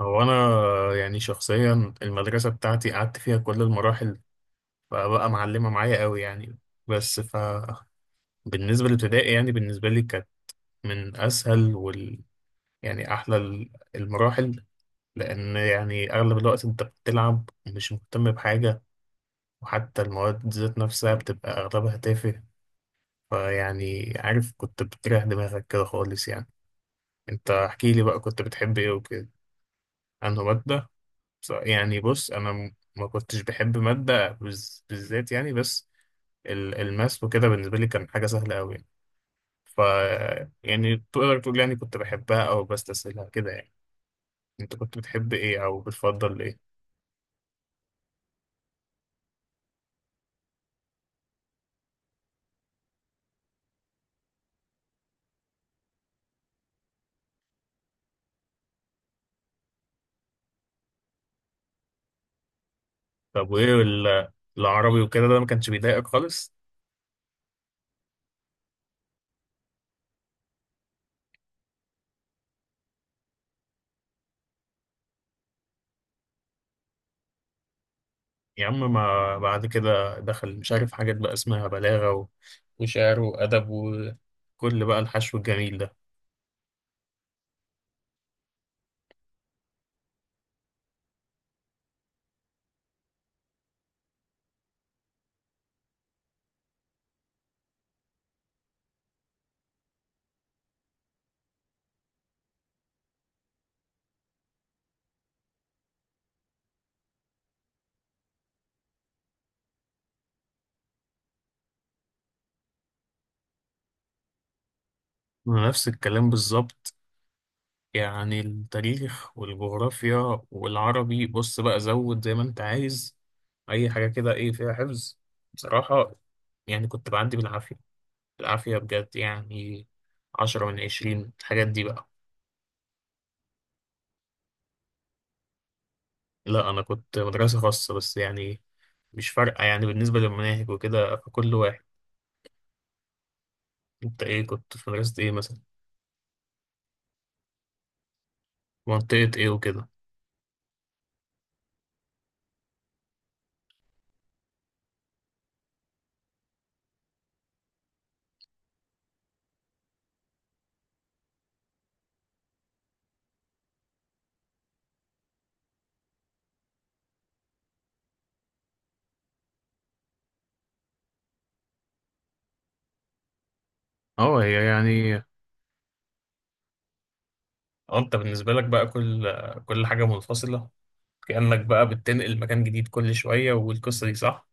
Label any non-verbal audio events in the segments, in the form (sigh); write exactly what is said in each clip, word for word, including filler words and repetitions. هو انا يعني شخصيا، المدرسه بتاعتي قعدت فيها كل المراحل، فبقى معلمه معايا قوي يعني. بس ف بالنسبه للابتدائي، يعني بالنسبه لي، كانت من اسهل وال يعني احلى ال- المراحل، لان يعني اغلب الوقت انت بتلعب ومش مهتم بحاجه، وحتى المواد ذات نفسها بتبقى اغلبها تافه. فيعني عارف، كنت بتريح دماغك كده خالص يعني. انت احكي لي بقى، كنت بتحب ايه وكده؟ انه ماده؟ بص- يعني بص، انا م- ما كنتش بحب ماده بز- بالذات يعني، بس ال- الماس وكده بالنسبه لي كان حاجه سهله قوي يعني. ف يعني تقدر تقول يعني كنت بحبها او بستسهلها كده يعني. انت كنت بتحب ايه او بتفضل ايه؟ طب وايه ال- العربي وكده، ده ما كانش بيضايقك خالص؟ يا عم ما بعد كده دخل مش عارف حاجات بقى اسمها بلاغه و- وشعر وادب وكل بقى الحشو الجميل ده. أنا نفس الكلام بالظبط. يعني التاريخ والجغرافيا والعربي، بص بقى زود زي ما انت عايز اي حاجة كده ايه فيها حفظ. بصراحة يعني كنت بعدي بالعافية، بالعافية بجد يعني، عشرة من عشرين الحاجات دي بقى. لا، انا كنت مدرسة خاصة بس يعني، مش فارقة يعني بالنسبة للمناهج وكده، فكل واحد. انت ايه، كنت في مدرسة ايه مثلا؟ منطقة ايه وكده؟ اه، هي يعني. اه، انت بالنسبة لك بقى كل كل حاجة منفصلة، كأنك بقى بتنقل مكان جديد كل شوية، والقصة دي صح؟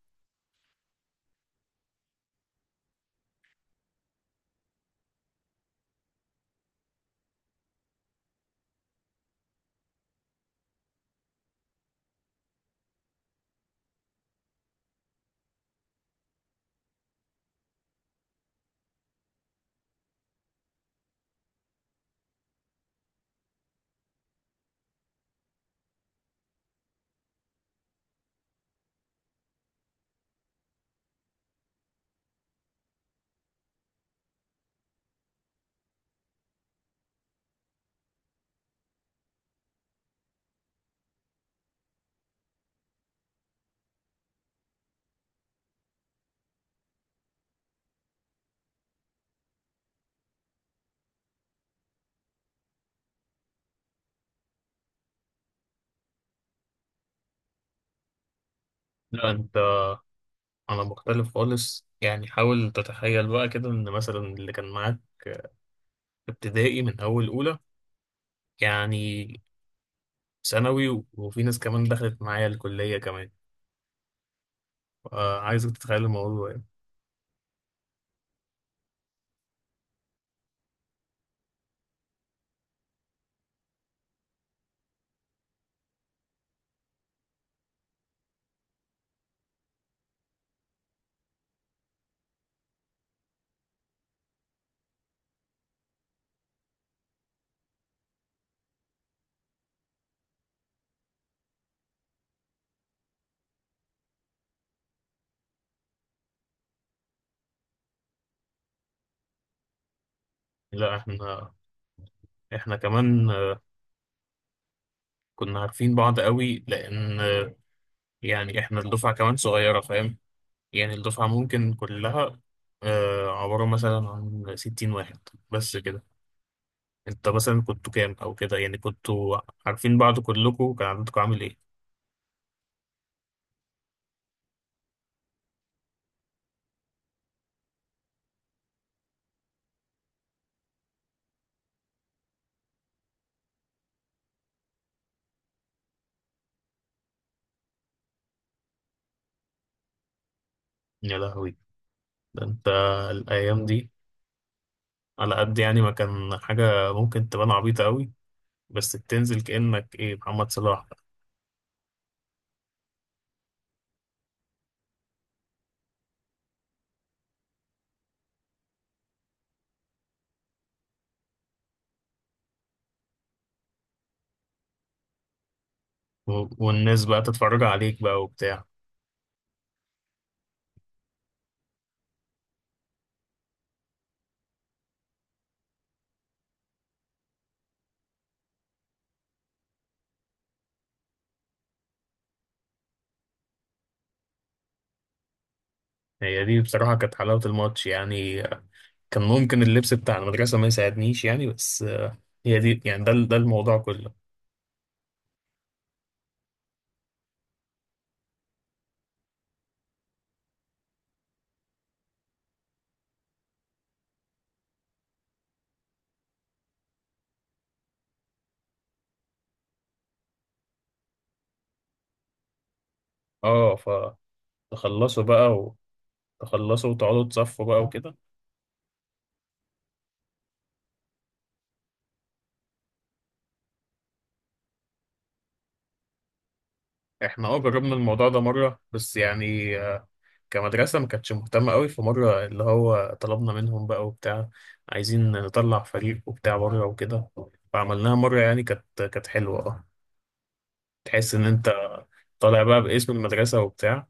لا انت انا مختلف خالص يعني. حاول تتخيل بقى كده، ان مثلا اللي كان معاك في ابتدائي من اول اولى، يعني ثانوي، وفي ناس كمان دخلت معايا الكلية كمان. آه، عايزك تتخيل الموضوع يعني. لا احنا احنا كمان آه، كنا عارفين بعض قوي، لان آه، يعني احنا الدفعة كمان صغيرة، فاهم؟ يعني الدفعة ممكن كلها آه، عبارة مثلا عن ستين واحد، بس كده. انت مثلا كنتوا كام او كده، يعني كنتوا عارفين بعض كلكم؟ كان عددكم عامل ايه؟ يا لهوي! ده انت الايام دي، على قد يعني ما كان حاجه ممكن تبان عبيطه قوي، بس بتنزل كانك ايه، محمد صلاح بقى. و- والناس بقى تتفرج عليك بقى وبتاع. هي دي بصراحه كانت حلاوه الماتش يعني. كان ممكن اللبس بتاع المدرسه ما يساعدنيش يعني، بس آه، هي دي يعني، ده ده الموضوع كله. اه، فتخلصوا بقى، وتخلصوا وتقعدوا تصفوا بقى وكده. احنا اه جربنا الموضوع ده مرة، بس يعني آه، كمدرسة ما كانتش مهتمة قوي، في مرة اللي هو طلبنا منهم بقى وبتاع، عايزين نطلع فريق وبتاع بره وكده. فعملناها مرة يعني، كانت كانت حلوة، اه. تحس ان انت طالع بقى باسم المدرسة وبتاع.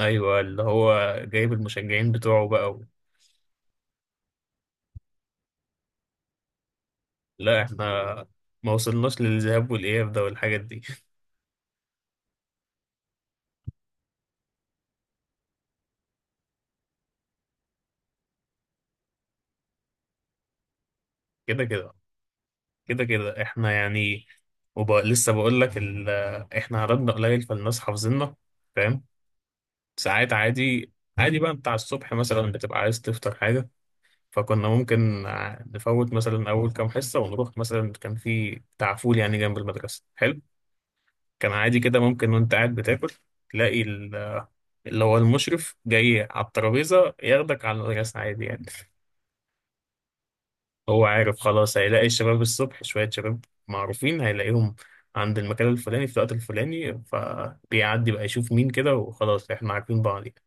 ايوه، اللي هو جايب المشجعين بتوعه بقى و... لا، احنا ما وصلناش للذهاب والإياب ده والحاجات دي. (laughs) كده كده كده كده احنا يعني. وبقى لسه بقول لك ال... احنا عددنا قليل، فالناس حافظيننا، فاهم؟ ساعات عادي، عادي بقى بتاع الصبح مثلا بتبقى عايز تفطر حاجة، فكنا ممكن ع- نفوت مثلا أول كام حصة ونروح، مثلا كان في بتاع فول يعني جنب المدرسة حلو. كان عادي كده، ممكن وأنت قاعد بتاكل تلاقي ال- اللي هو المشرف جاي على الترابيزة ياخدك على المدرسة، عادي يعني. هو عارف خلاص، هيلاقي الشباب الصبح، شوية شباب معروفين هيلاقيهم عند المكان الفلاني في الوقت الفلاني، فبيعدي بقى يشوف مين كده، وخلاص احنا عارفين بعض يعني.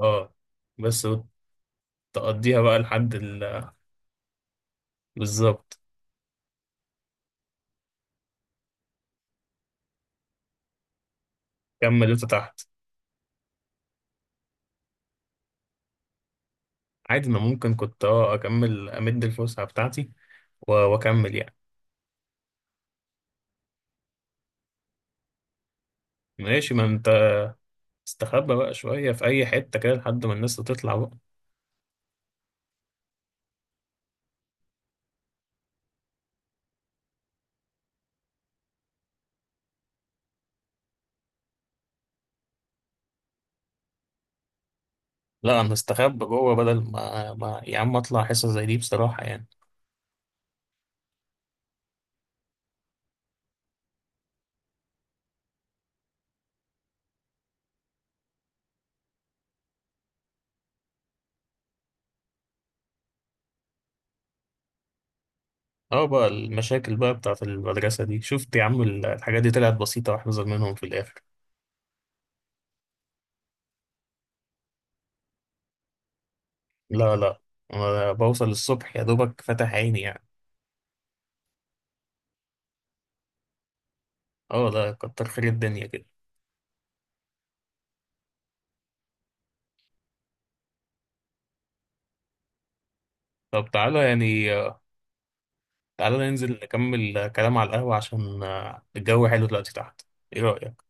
اه، بس تقضيها بقى لحد ال... بالظبط، كملته تحت، عادي. ما ممكن كنت اه اكمل امد الفسحه بتاعتي، و- واكمل يعني. ماشي، ما انت استخبى بقى شويه في اي حته كده لحد ما الناس تطلع بقى. لا، انا استخبى جوه، بدل ما, ما يا عم اطلع حصه زي دي بصراحه يعني. اه، بقى المشاكل بقى بتاعت المدرسه دي، شفت يا عم ال- الحاجات دي طلعت بسيطه واحذر منهم في الاخر. لا، لا، أنا بوصل الصبح يا دوبك فاتح عيني يعني. اه لا، كتر خير الدنيا كده. طب تعالى يعني، تعالى ننزل نكمل كلام على القهوة، عشان آه، الجو حلو دلوقتي تحت. ايه رأيك؟